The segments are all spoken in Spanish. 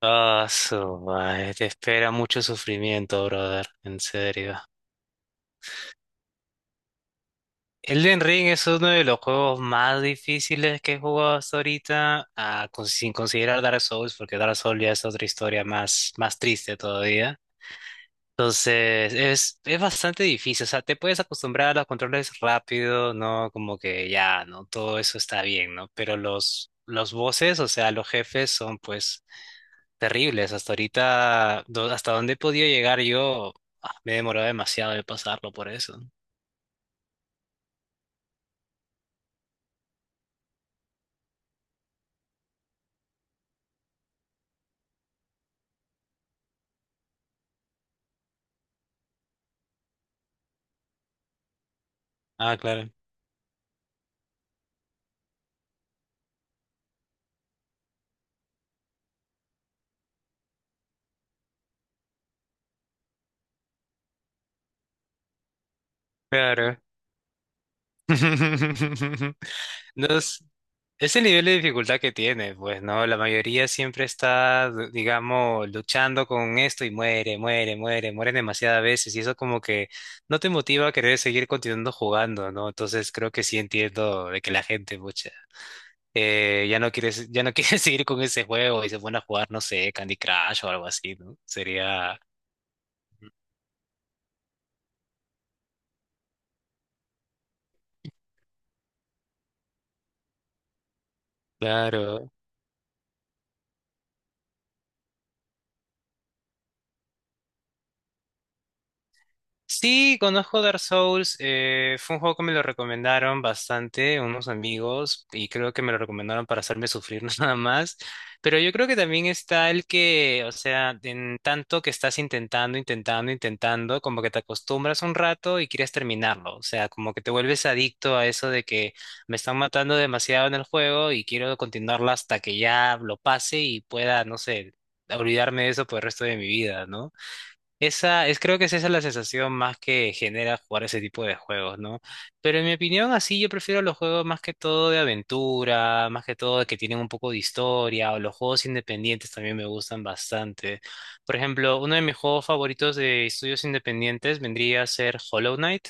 Ah, su madre, te espera mucho sufrimiento, brother, en serio. Elden Ring es uno de los juegos más difíciles que he jugado hasta ahorita, sin considerar Dark Souls, porque Dark Souls ya es otra historia más triste todavía. Entonces, es bastante difícil, o sea, te puedes acostumbrar a los controles rápido, ¿no? Como que ya, ¿no? Todo eso está bien, ¿no? Pero los bosses, o sea, los jefes son pues terribles. Hasta ahorita, hasta dónde he podido llegar yo, me he demorado demasiado de pasarlo por eso. Ah, claro. Claro. No es el nivel de dificultad que tiene, pues, ¿no? La mayoría siempre está, digamos, luchando con esto y muere, muere, muere, muere demasiadas veces y eso como que no te motiva a querer seguir continuando jugando, ¿no? Entonces creo que sí entiendo de que la gente, mucha. Ya no quieres seguir con ese juego y se ponen a jugar, no sé, Candy Crush o algo así, ¿no? Sería, claro, sí, conozco Dark Souls. Fue un juego que me lo recomendaron bastante unos amigos y creo que me lo recomendaron para hacerme sufrir nada más. Pero yo creo que también está el que, o sea, en tanto que estás intentando, intentando, intentando, como que te acostumbras un rato y quieres terminarlo. O sea, como que te vuelves adicto a eso de que me están matando demasiado en el juego y quiero continuarlo hasta que ya lo pase y pueda, no sé, olvidarme de eso por el resto de mi vida, ¿no? Esa es, creo que es esa la sensación más que genera jugar ese tipo de juegos, ¿no? Pero en mi opinión, así yo prefiero los juegos más que todo de aventura, más que todo de que tienen un poco de historia, o los juegos independientes también me gustan bastante. Por ejemplo, uno de mis juegos favoritos de estudios independientes vendría a ser Hollow Knight.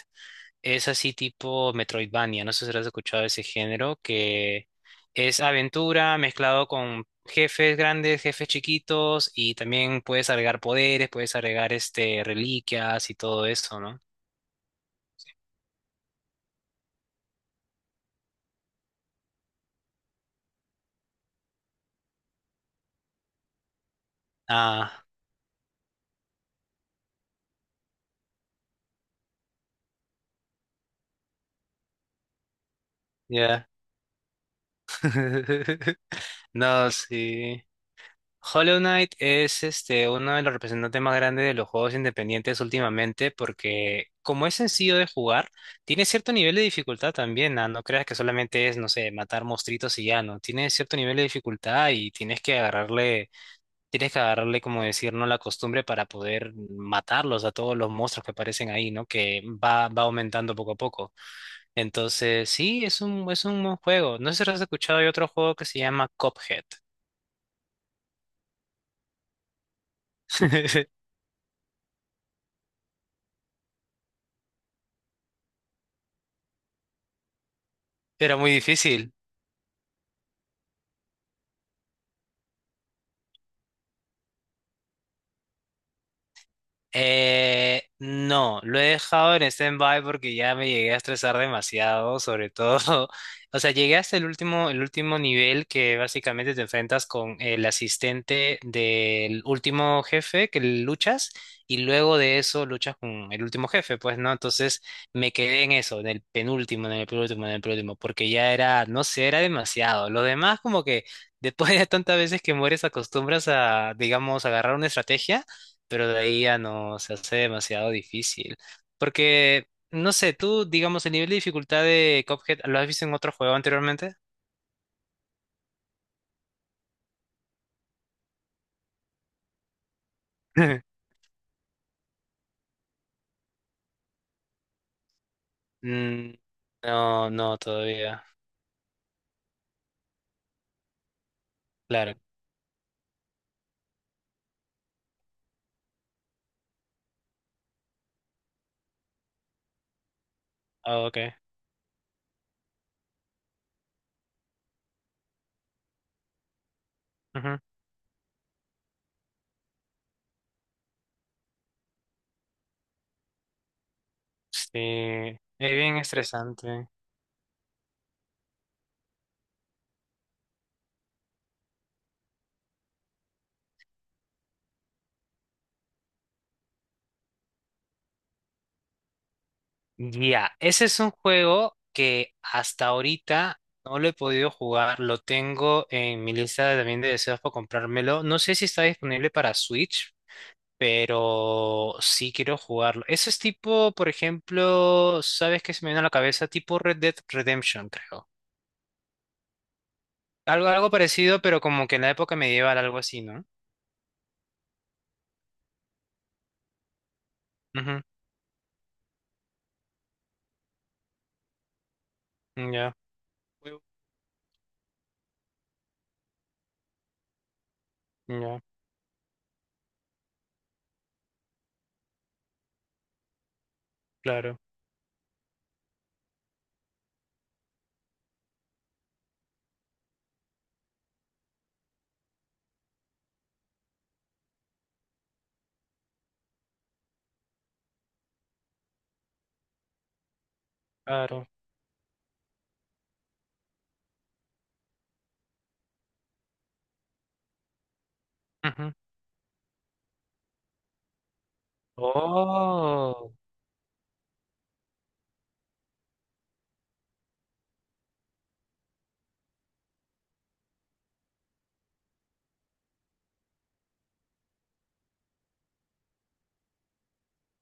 Es así tipo Metroidvania, no sé si has escuchado ese género, que es aventura mezclado con jefes grandes, jefes chiquitos, y también puedes agregar poderes, puedes agregar este reliquias y todo eso, ¿no? Ah, ya. No, sí. Hollow Knight es este, uno de los representantes más grandes de los juegos independientes últimamente porque como es sencillo de jugar, tiene cierto nivel de dificultad también, no creas que solamente es, no sé, matar monstruitos y ya, ¿no? Tiene cierto nivel de dificultad y tienes que agarrarle, como decir, ¿no? La costumbre para poder matarlos a todos los monstruos que aparecen ahí, ¿no? Que va, va aumentando poco a poco. Entonces, sí, es un buen juego. No sé si has escuchado, hay otro juego que se llama Cuphead. Era muy difícil. No, lo he dejado en stand-by porque ya me llegué a estresar demasiado, sobre todo, o sea, llegué hasta el último nivel que básicamente te enfrentas con el asistente del último jefe que luchas y luego de eso luchas con el último jefe, pues, ¿no? Entonces me quedé en eso, en el penúltimo, en el penúltimo, en el penúltimo, porque ya era, no sé, era demasiado. Lo demás como que después de tantas veces que mueres acostumbras a, digamos, agarrar una estrategia pero de ahí ya no se hace demasiado difícil. Porque, no sé, tú, digamos, el nivel de dificultad de Cuphead, ¿lo has visto en otro juego anteriormente? Mm, no, no, todavía. Claro. Ah, ok. Ujú. Sí, es bien estresante. Ya, ese es un juego que hasta ahorita no lo he podido jugar. Lo tengo en mi lista también de deseos para comprármelo. No sé si está disponible para Switch, pero sí quiero jugarlo. Ese es tipo, por ejemplo, ¿sabes qué se me vino a la cabeza? Tipo Red Dead Redemption, creo. Algo, algo parecido, pero como que en la época medieval, algo así, ¿no? Ujú, ya, ya, claro, claro. Ujú. Oh.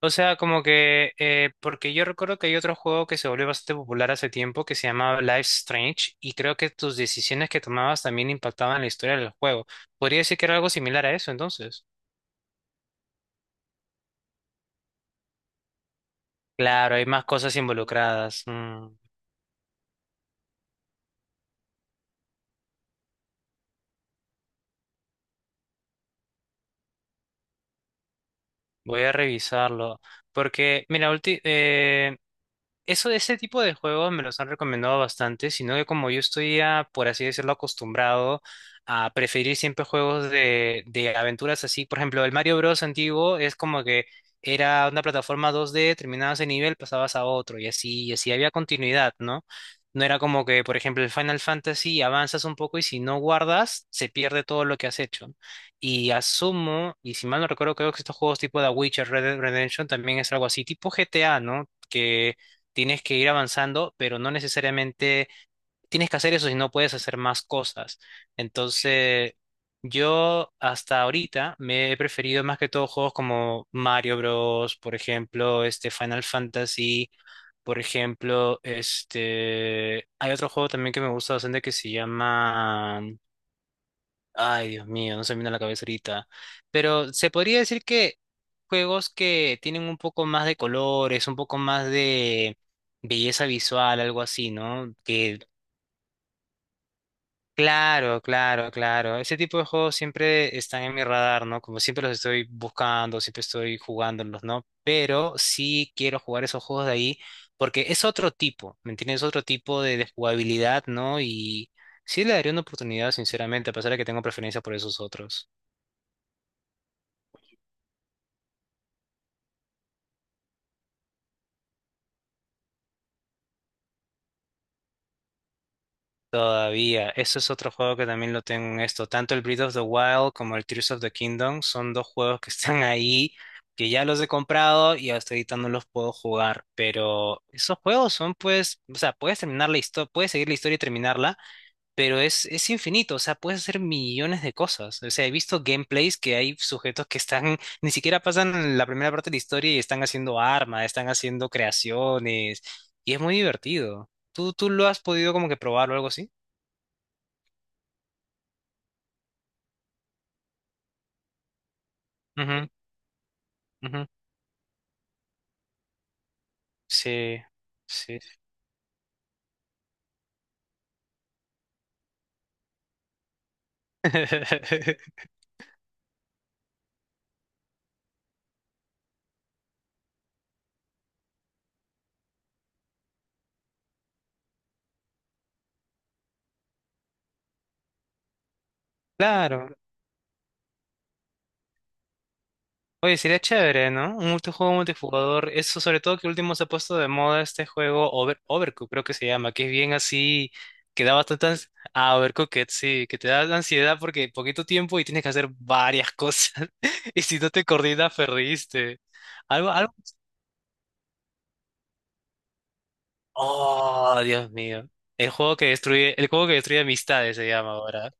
O sea, como que, porque yo recuerdo que hay otro juego que se volvió bastante popular hace tiempo que se llamaba Life Strange y creo que tus decisiones que tomabas también impactaban la historia del juego. Podría decir que era algo similar a eso, entonces. Claro, hay más cosas involucradas. Voy a revisarlo. Porque, mira, eso de ese tipo de juegos me los han recomendado bastante, sino que como yo estoy, por así decirlo, acostumbrado a preferir siempre juegos de aventuras así. Por ejemplo, el Mario Bros. Antiguo es como que era una plataforma 2D, terminabas ese nivel, pasabas a otro y así había continuidad, ¿no? No era como que, por ejemplo, el Final Fantasy avanzas un poco y si no guardas, se pierde todo lo que has hecho. Y asumo, y si mal no recuerdo, creo que estos juegos tipo The Witcher, Red Dead Redemption también es algo así, tipo GTA, ¿no? Que tienes que ir avanzando, pero no necesariamente tienes que hacer eso si no puedes hacer más cosas. Entonces, yo hasta ahorita me he preferido más que todo juegos como Mario Bros, por ejemplo, este Final Fantasy, por ejemplo, este hay otro juego también que me gusta bastante que se llama Ay, Dios mío, no se me viene a la cabeza ahorita. Pero se podría decir que juegos que tienen un poco más de colores, un poco más de belleza visual, algo así, ¿no? Que, claro, claro, claro. Ese tipo de juegos siempre están en mi radar, ¿no? Como siempre los estoy buscando, siempre estoy jugándolos, ¿no? Pero sí quiero jugar esos juegos de ahí porque es otro tipo, ¿me entiendes? Es otro tipo de jugabilidad, ¿no? Y sí le daría una oportunidad, sinceramente, a pesar de que tengo preferencia por esos otros. Todavía, eso es otro juego que también lo tengo en esto. Tanto el Breath of the Wild como el Tears of the Kingdom son dos juegos que están ahí, que ya los he comprado y hasta ahorita no los puedo jugar. Pero esos juegos son pues, o sea, puedes terminar la historia, puedes seguir la historia y terminarla, pero es infinito, o sea, puedes hacer millones de cosas. O sea, he visto gameplays que hay sujetos que están, ni siquiera pasan la primera parte de la historia y están haciendo armas, están haciendo creaciones, y es muy divertido. ¿Tú lo has podido como que probar o algo así? Ujú, ujú. Sí, sí. Claro. Oye, sería chévere, ¿no? Un multijuego multijugador. Eso sobre todo que último se ha puesto de moda este juego Overcooked, creo que se llama, que es bien así, que da bastante ah, Overcooked, sí, que te da ansiedad porque poquito tiempo y tienes que hacer varias cosas. Y si no te coordinas, perdiste. Algo, algo. Oh, Dios mío. El juego que destruye amistades se llama ahora.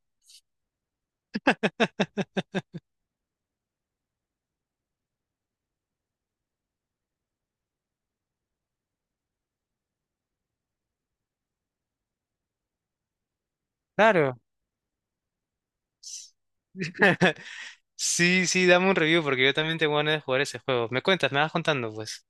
Claro. Sí, sí, dame un review porque yo también tengo ganas de jugar ese juego. Me cuentas, me vas contando, pues.